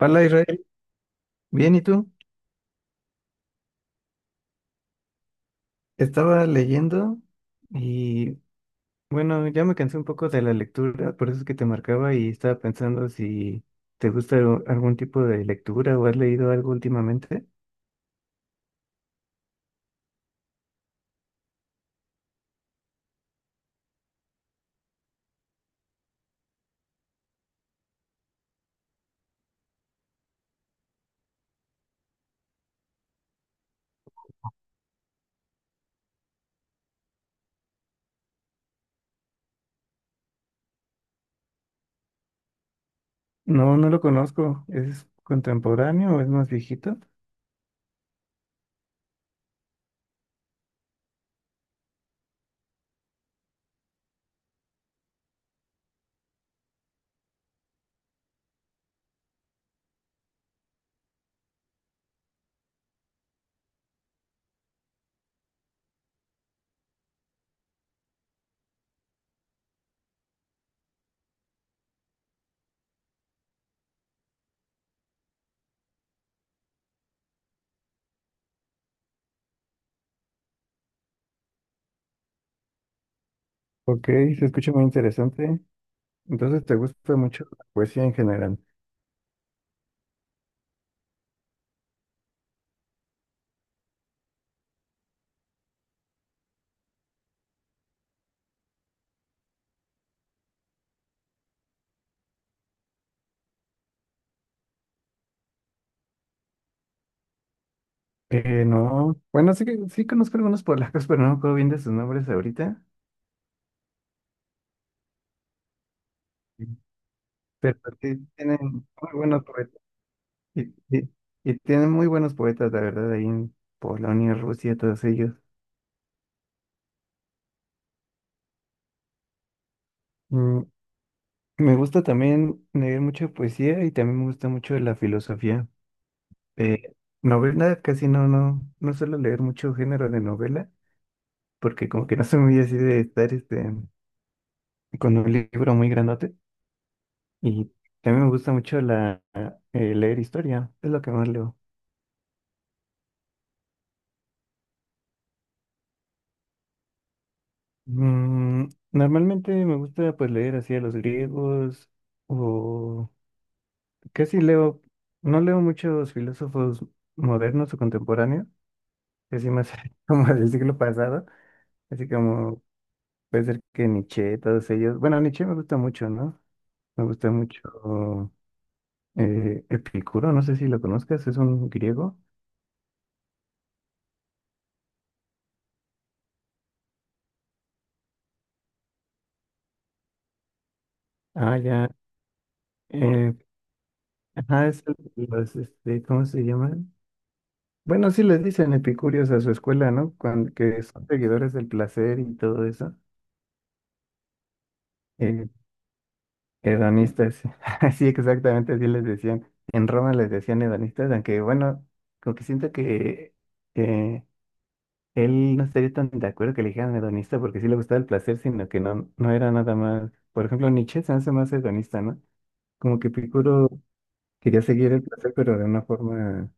Hola Israel, bien, ¿y tú? Estaba leyendo y bueno, ya me cansé un poco de la lectura, por eso es que te marcaba y estaba pensando si te gusta algún tipo de lectura o has leído algo últimamente. No, no lo conozco, ¿es contemporáneo o es más viejito? Ok, se escucha muy interesante. Entonces, ¿te gusta mucho la poesía en general? No, bueno, sí que sí conozco algunos polacos, pero no me acuerdo bien de sus nombres ahorita. Mm. Pero sí tienen muy buenos poetas. Y, y- y tienen muy buenos poetas, la verdad, ahí en Polonia, Rusia, todos ellos. Mm, me gusta también leer mucha poesía y también me gusta mucho la filosofía. Eh, novela, casi no, suelo leer mucho género de novela, porque como que no soy muy así de estar este, con un libro muy grandote. Y también me gusta mucho leer historia, es lo que más leo. Mm, normalmente me gusta pues leer así a los griegos o... Casi leo, no leo muchos filósofos modernos o contemporáneos, así más como del siglo pasado, así como puede ser que Nietzsche, todos ellos. Bueno, Nietzsche me gusta mucho, ¿no? Me gusta mucho Epicuro, no sé si lo conozcas, es un griego. Ah, ya. eh, ajá, es ¿cómo se llaman? Bueno, sí les dicen epicúreos a su escuela, ¿no? Cuando, que son seguidores del placer y todo eso. Eh, Hedonistas, sí, exactamente así les decían. En Roma les decían hedonistas, aunque bueno, como que siento que eh, él no estaría tan de acuerdo que le dijeran hedonista porque sí le gustaba el placer, sino que no, no era nada más. Por ejemplo, Nietzsche se hace más hedonista, ¿no? Como que Epicuro quería seguir el placer, pero de una forma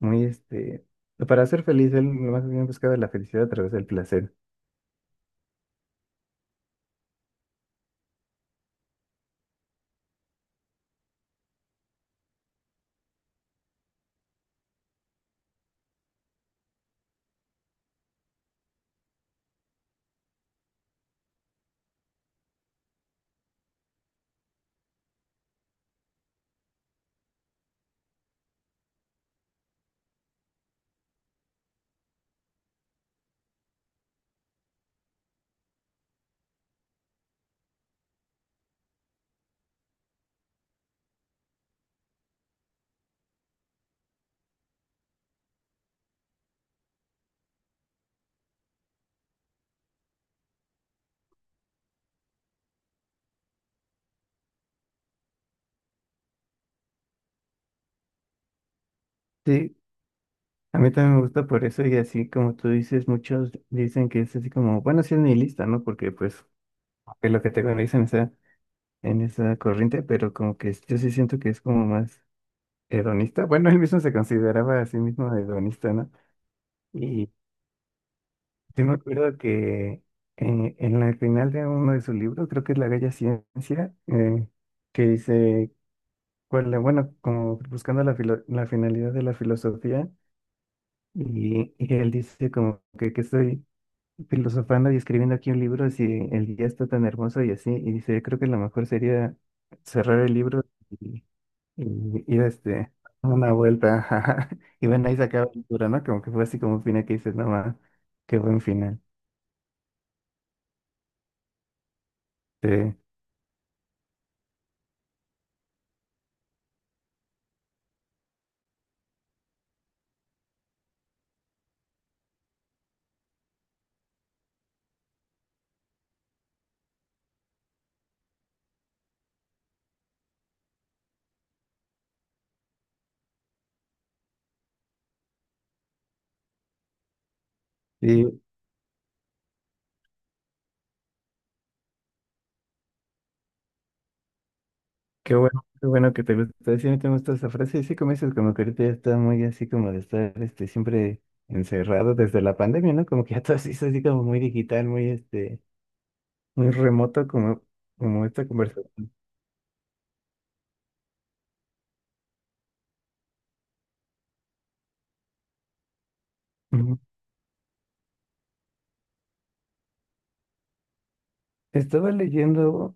muy, este, para ser feliz, él más bien buscaba la felicidad a través del placer. Sí, a mí también me gusta por eso y así como tú dices, muchos dicen que es así como, bueno, sí es nihilista, ¿no? Porque pues es lo que te dicen en esa corriente, pero como que yo sí siento que es como más hedonista. Bueno, él mismo se consideraba a sí mismo hedonista, ¿no? Y yo me acuerdo que en la final de uno de sus libros, creo que es La Bella Ciencia, que dice, cuál, bueno, como buscando la, la finalidad de la filosofía, y él dice como que estoy filosofando y escribiendo aquí un libro si el día está tan hermoso y así, y dice, yo creo que lo mejor sería cerrar el libro. Y ir este, a una vuelta, ajá. Y ven ahí se acaba la aventura, ¿no? Como que fue así como un final que dices, no más, qué buen final. Sí, sí, qué bueno que te gusta. Sí, a mí te gusta esa frase. Y sí, como dices, como que ahorita ya está muy así como de estar este, siempre encerrado desde la pandemia, ¿no? Como que ya todo se hizo así como muy digital, muy este, muy remoto, como, como esta conversación. Ujú. Estaba leyendo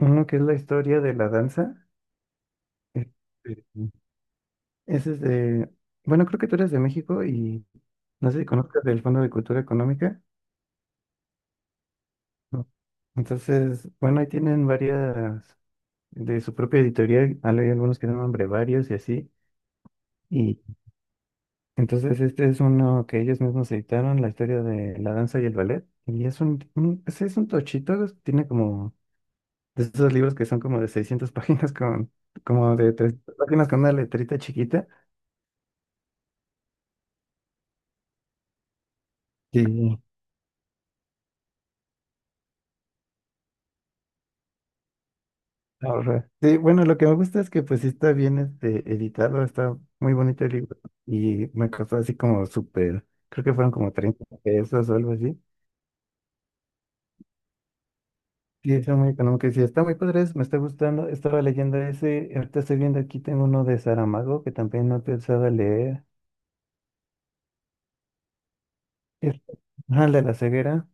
uno que es la historia de la danza. Este, ese es de, bueno, creo que tú eres de México y no sé si conozcas del Fondo de Cultura Económica. No. Entonces, bueno, ahí tienen varias de su propia editorial. Hay algunos que llaman brevarios y así. Y entonces este es uno que ellos mismos editaron, la historia de la danza y el ballet. Y es ese es un tochito, es- tiene como de esos libros que son como de 600 páginas con, como de 300 páginas con una letrita chiquita. Sí. Ahorra. Sí, bueno, lo que me gusta es que pues sí está bien este, editado, está muy bonito el libro y me costó así como súper, creo que fueron como 30 pesos o algo así. Sí, está muy económico y sí, está muy padre, es- me está gustando. Estaba leyendo ese, ahorita estoy viendo aquí, tengo uno de Saramago que también no pensaba leer. El, ah, el de la ceguera.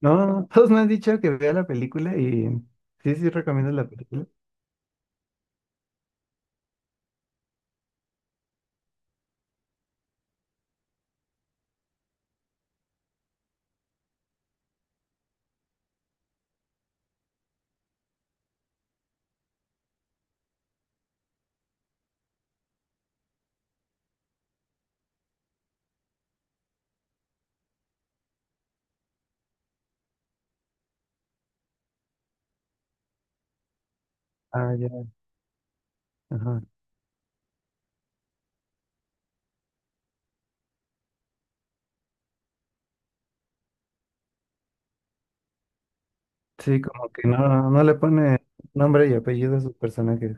No, no, todos me han dicho que vea la película y sí, sí recomiendo la película. Ah, ya, ajá. Sí, como que no, no le pone nombre y apellido a sus personajes.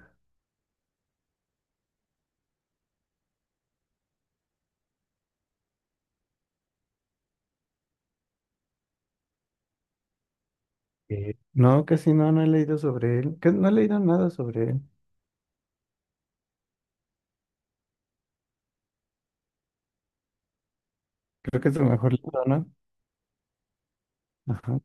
No, casi no, no he leído sobre él. Que no he leído nada sobre él. Creo que es su mejor libro, ¿no? Ajá.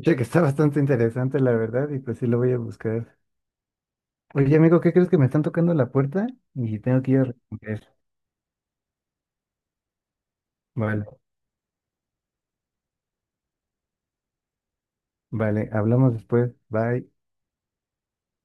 Oye, que está bastante interesante, la verdad, y pues sí lo voy a buscar. Oye, amigo, ¿qué crees que me están tocando la puerta? Y tengo que ir a responder. Vale, vale, hablamos después. Bye.